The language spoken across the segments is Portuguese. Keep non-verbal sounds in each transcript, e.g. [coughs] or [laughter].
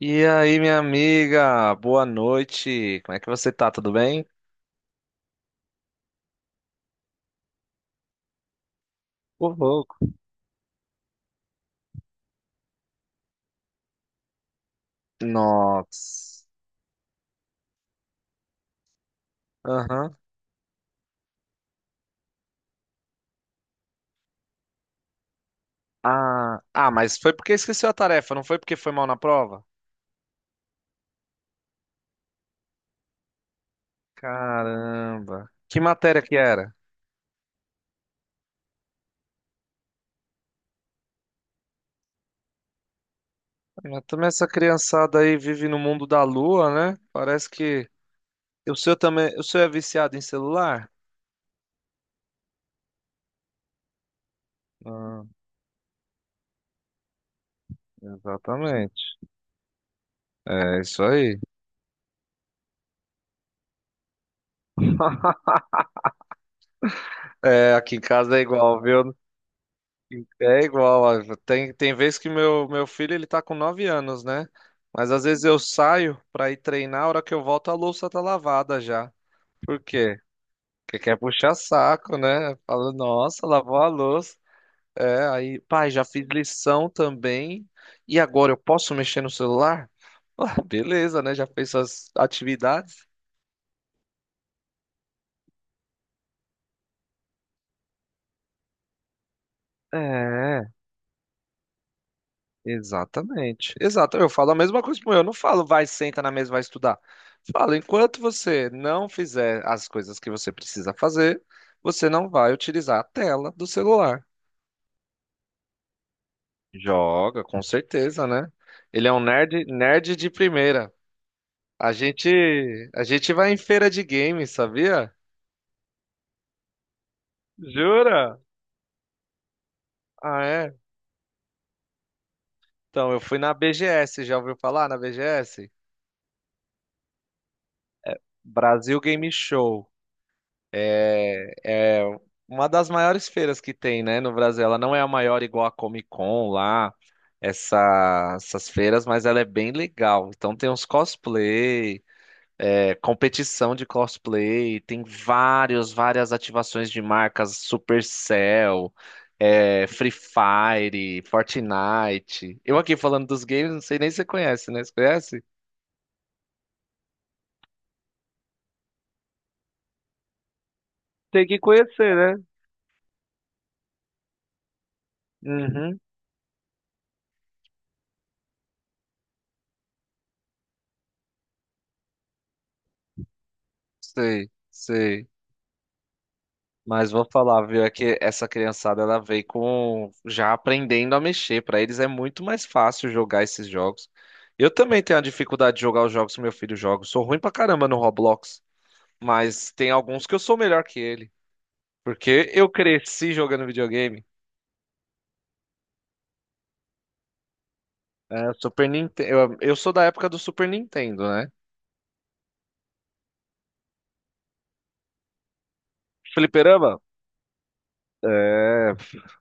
E aí, minha amiga, boa noite. Como é que você tá? Tudo bem? Ô, louco. Nossa. Aham. Ah, mas foi porque esqueceu a tarefa, não foi porque foi mal na prova? Caramba. Que matéria que era? Ah, também essa criançada aí vive no mundo da lua, né? Parece que o seu também, o seu é viciado em celular? Ah, exatamente. É isso aí. É, aqui em casa é igual, viu? É igual, ó, tem, tem vezes que meu filho ele tá com 9 anos, né? Mas às vezes eu saio pra ir treinar, a hora que eu volto a louça tá lavada já. Por quê? Porque quer puxar saco, né? Fala, nossa, lavou a louça. É, aí, pai, já fiz lição também. E agora eu posso mexer no celular? [laughs] Ah, beleza, né? Já fez suas atividades? É. Exatamente. Exato. Eu falo a mesma coisa pro meu. Eu não falo, vai, senta na mesa, vai estudar. Falo, enquanto você não fizer as coisas que você precisa fazer, você não vai utilizar a tela do celular. Joga, com certeza, né? Ele é um nerd, nerd de primeira. A gente, a gente vai em feira de games, sabia? Jura? Ah, é? Então, eu fui na BGS, já ouviu falar na BGS? Brasil Game Show. É, é uma das maiores feiras que tem, né, no Brasil. Ela não é a maior igual a Comic Con lá, essas feiras, mas ela é bem legal. Então tem uns cosplay, é, competição de cosplay, tem vários, várias ativações de marcas, Supercell, é, Free Fire, Fortnite. Eu aqui falando dos games, não sei nem se você conhece, né? Você conhece? Tem que conhecer, né? Uhum, sei, sei. Mas vou falar, viu, é que essa criançada ela veio com já aprendendo a mexer. Pra eles é muito mais fácil jogar esses jogos. Eu também tenho a dificuldade de jogar os jogos que meu filho joga. Eu sou ruim pra caramba no Roblox, mas tem alguns que eu sou melhor que ele, porque eu cresci jogando videogame. É, Super Nintendo, eu sou da época do Super Nintendo, né? Fliperama? É,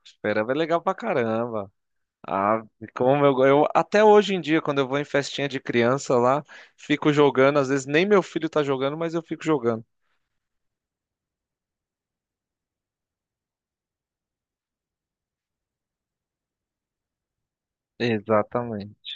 fliperama é legal pra caramba. Ah, como eu até hoje em dia, quando eu vou em festinha de criança lá, fico jogando, às vezes nem meu filho tá jogando, mas eu fico jogando. Exatamente.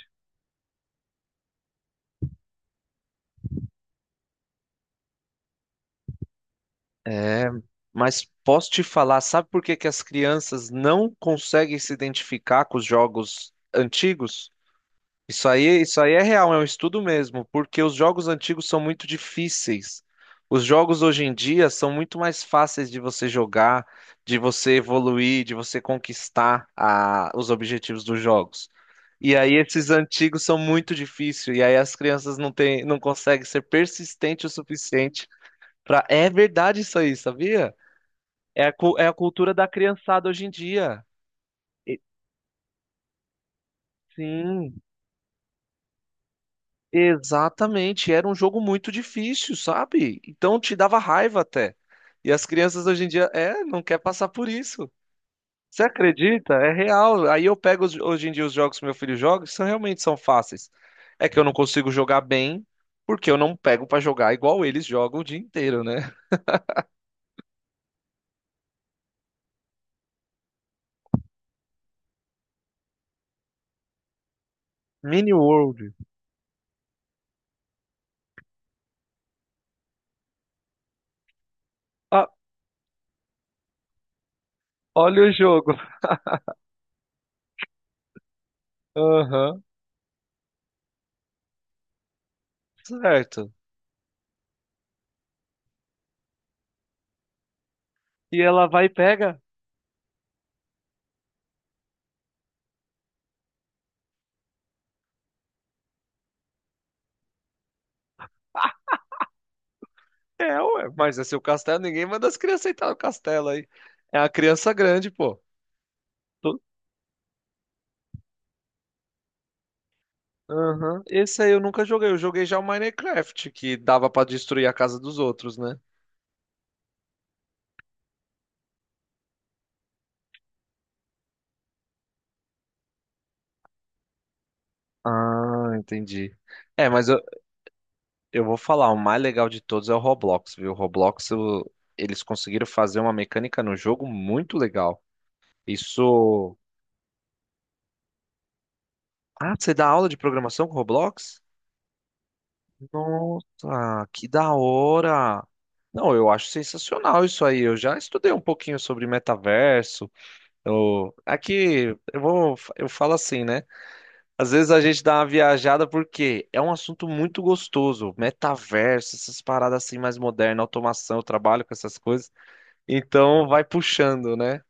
É, mas posso te falar, sabe por que que as crianças não conseguem se identificar com os jogos antigos? Isso aí é real, é um estudo mesmo, porque os jogos antigos são muito difíceis. Os jogos hoje em dia são muito mais fáceis de você jogar, de você evoluir, de você conquistar os objetivos dos jogos. E aí esses antigos são muito difíceis, e aí as crianças não têm, não conseguem ser persistente o suficiente para. É verdade isso aí, sabia? É a, é a cultura da criançada hoje em dia. E- Sim. Exatamente, era um jogo muito difícil, sabe? Então te dava raiva até. E as crianças hoje em dia, é, não quer passar por isso. Você acredita? É real. Aí eu pego hoje em dia os jogos que meu filho joga, que são realmente são fáceis. É que eu não consigo jogar bem, porque eu não pego pra jogar igual eles jogam o dia inteiro, né? Mini World. Ah, olha o jogo. Aham. Certo. E ela vai e pega. É, ué, mas é seu castelo, ninguém manda as crianças entrar no castelo aí. É a criança grande, pô. Aham. Esse aí eu nunca joguei. Eu joguei já o Minecraft, que dava pra destruir a casa dos outros, né? Ah, entendi. É, mas eu vou falar, o mais legal de todos é o Roblox, viu? O Roblox, eles conseguiram fazer uma mecânica no jogo muito legal. Isso. Ah, você dá aula de programação com Roblox? Nossa, que da hora! Não, eu acho sensacional isso aí. Eu já estudei um pouquinho sobre metaverso. Eu... aqui, eu vou, eu falo assim, né? Às vezes a gente dá uma viajada porque é um assunto muito gostoso, metaverso, essas paradas assim mais modernas, automação, eu trabalho com essas coisas, então vai puxando, né?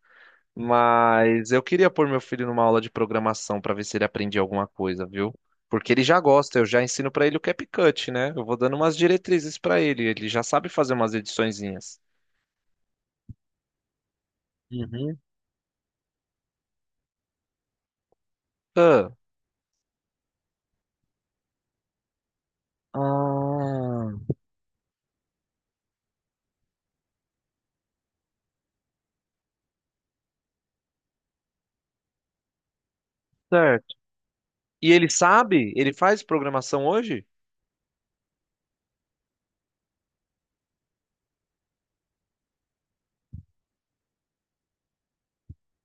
Mas eu queria pôr meu filho numa aula de programação para ver se ele aprendia alguma coisa, viu? Porque ele já gosta, eu já ensino para ele o CapCut, né? Eu vou dando umas diretrizes para ele, ele já sabe fazer umas ediçõezinhas. Uhum. Ah, ah, certo. E ele sabe? Ele faz programação hoje?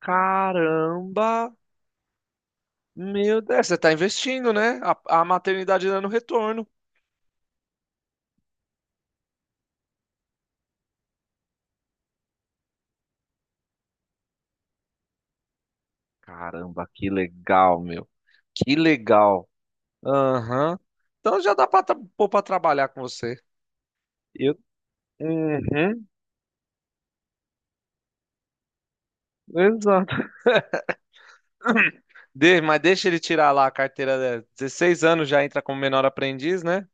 Caramba! Meu Deus, é, você tá investindo, né? A maternidade dando retorno. Caramba, que legal, meu. Que legal. Aham. Então já dá pra, pôr pra trabalhar com você. Eu. Uhum, exato. [coughs] [clears throat] Mas deixa ele tirar lá a carteira dela. 16 anos já entra como menor aprendiz, né?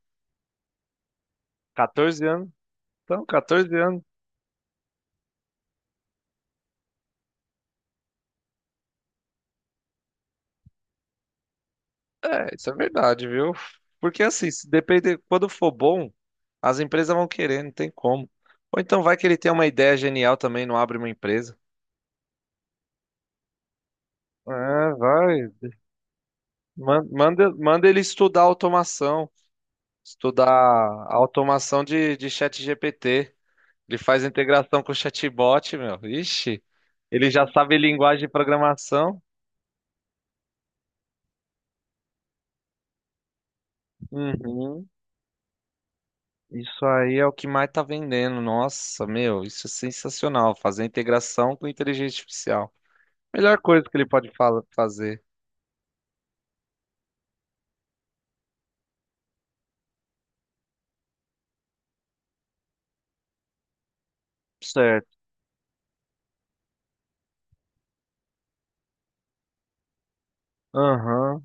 14 anos. Então, 14 anos. É, isso é verdade, viu? Porque assim, se depender, quando for bom, as empresas vão querer, não tem como. Ou então vai que ele tem uma ideia genial também, não abre uma empresa. É, vai. Manda ele estudar automação, estudar a automação de ChatGPT. Ele faz integração com o chatbot, meu. Ixi, ele já sabe linguagem de programação. Uhum. Isso aí é o que mais tá vendendo. Nossa, meu, isso é sensacional. Fazer integração com inteligência artificial. Melhor coisa que ele pode fazer. Certo. Aham.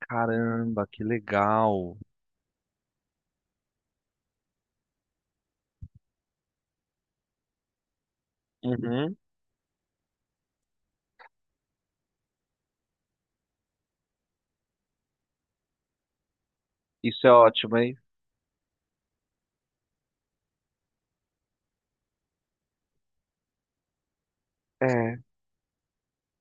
Caramba, que legal. Uhum. Isso é ótimo, hein? É.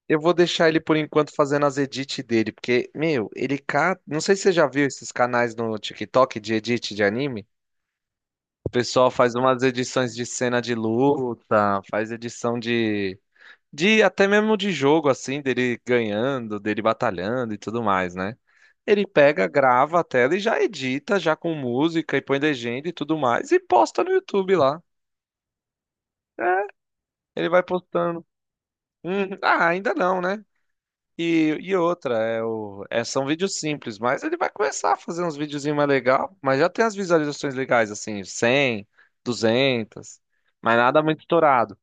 Eu vou deixar ele por enquanto fazendo as edits dele, porque, meu, ele ca... não sei se você já viu esses canais no TikTok de edit de anime. O pessoal faz umas edições de cena de luta, faz edição de. De até mesmo de jogo, assim, dele ganhando, dele batalhando e tudo mais, né? Ele pega, grava a tela e já edita, já com música e põe legenda e tudo mais, e posta no YouTube lá. É, ele vai postando. Ah, ainda não, né? E outra, é o, é, são vídeos simples, mas ele vai começar a fazer uns videozinhos mais legal, mas já tem as visualizações legais, assim, 100, 200, mas nada muito estourado.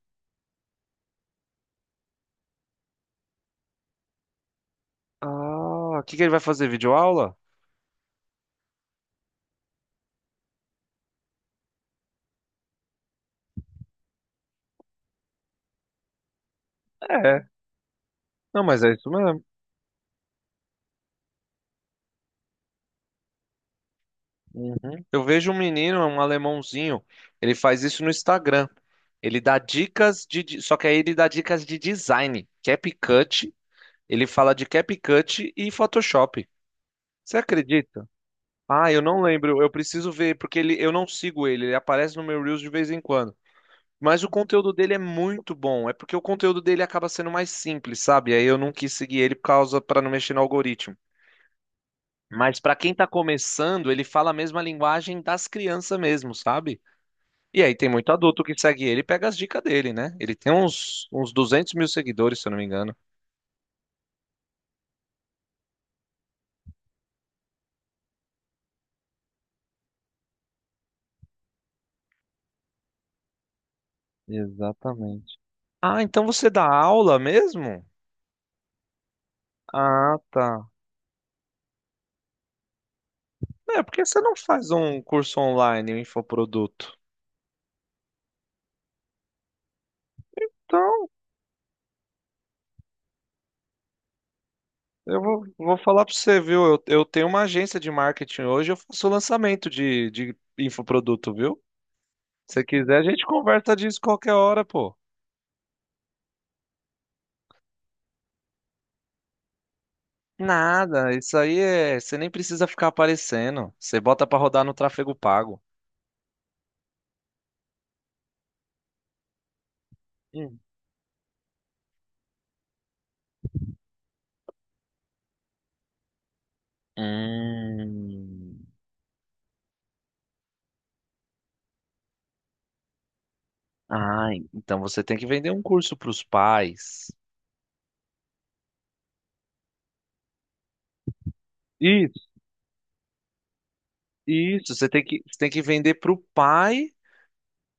Ah, o que que ele vai fazer? Videoaula? É. Não, mas é isso mesmo. Uhum. Eu vejo um menino, um alemãozinho, ele faz isso no Instagram. Ele dá dicas de, só que aí ele dá dicas de design, Capcut, ele fala de Capcut e Photoshop. Você acredita? Ah, eu não lembro, eu preciso ver porque ele, eu não sigo ele, ele aparece no meu Reels de vez em quando. Mas o conteúdo dele é muito bom, é porque o conteúdo dele acaba sendo mais simples, sabe? Aí eu não quis seguir ele por causa para não mexer no algoritmo. Mas para quem tá começando, ele fala a mesma linguagem das crianças mesmo, sabe? E aí tem muito adulto que segue ele e pega as dicas dele, né? Ele tem uns, uns 200 mil seguidores, se eu não me engano. Exatamente. Ah, então você dá aula mesmo? Ah, tá. É, por que você não faz um curso online, um infoproduto? Então, eu vou falar pra você, viu? Eu tenho uma agência de marketing hoje, eu faço lançamento de infoproduto, viu? Se você quiser, a gente conversa disso qualquer hora, pô. Nada, isso aí é. Você nem precisa ficar aparecendo. Você bota pra rodar no tráfego pago. Hum. Ah, então você tem que vender um curso para os pais. Isso, isso. Você tem que vender para o pai,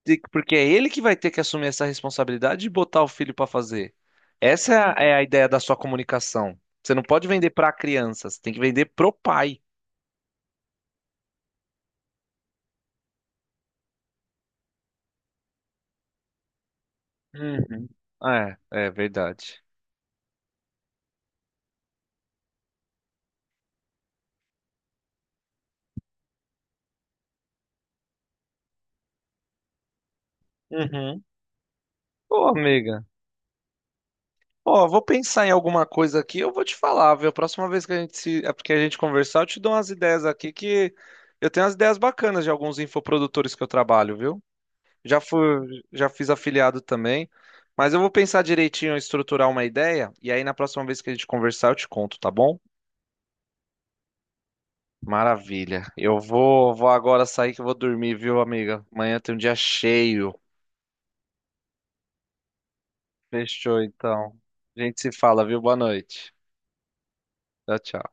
porque é ele que vai ter que assumir essa responsabilidade de botar o filho para fazer. Essa é é a ideia da sua comunicação. Você não pode vender para a criança, você tem que vender pro pai. Uhum. É, é verdade. Uhum. Ô, amiga. Ó, vou pensar em alguma coisa aqui, eu vou te falar, viu? A próxima vez que a gente se, é porque a gente conversar, eu te dou umas ideias aqui que eu tenho umas ideias bacanas de alguns infoprodutores que eu trabalho, viu? Já fui, já fiz afiliado também, mas eu vou pensar direitinho, estruturar uma ideia e aí na próxima vez que a gente conversar, eu te conto, tá bom? Maravilha. Eu vou agora sair que eu vou dormir, viu, amiga? Amanhã tem um dia cheio. Fechou, então. A gente se fala, viu? Boa noite. Tchau, tchau.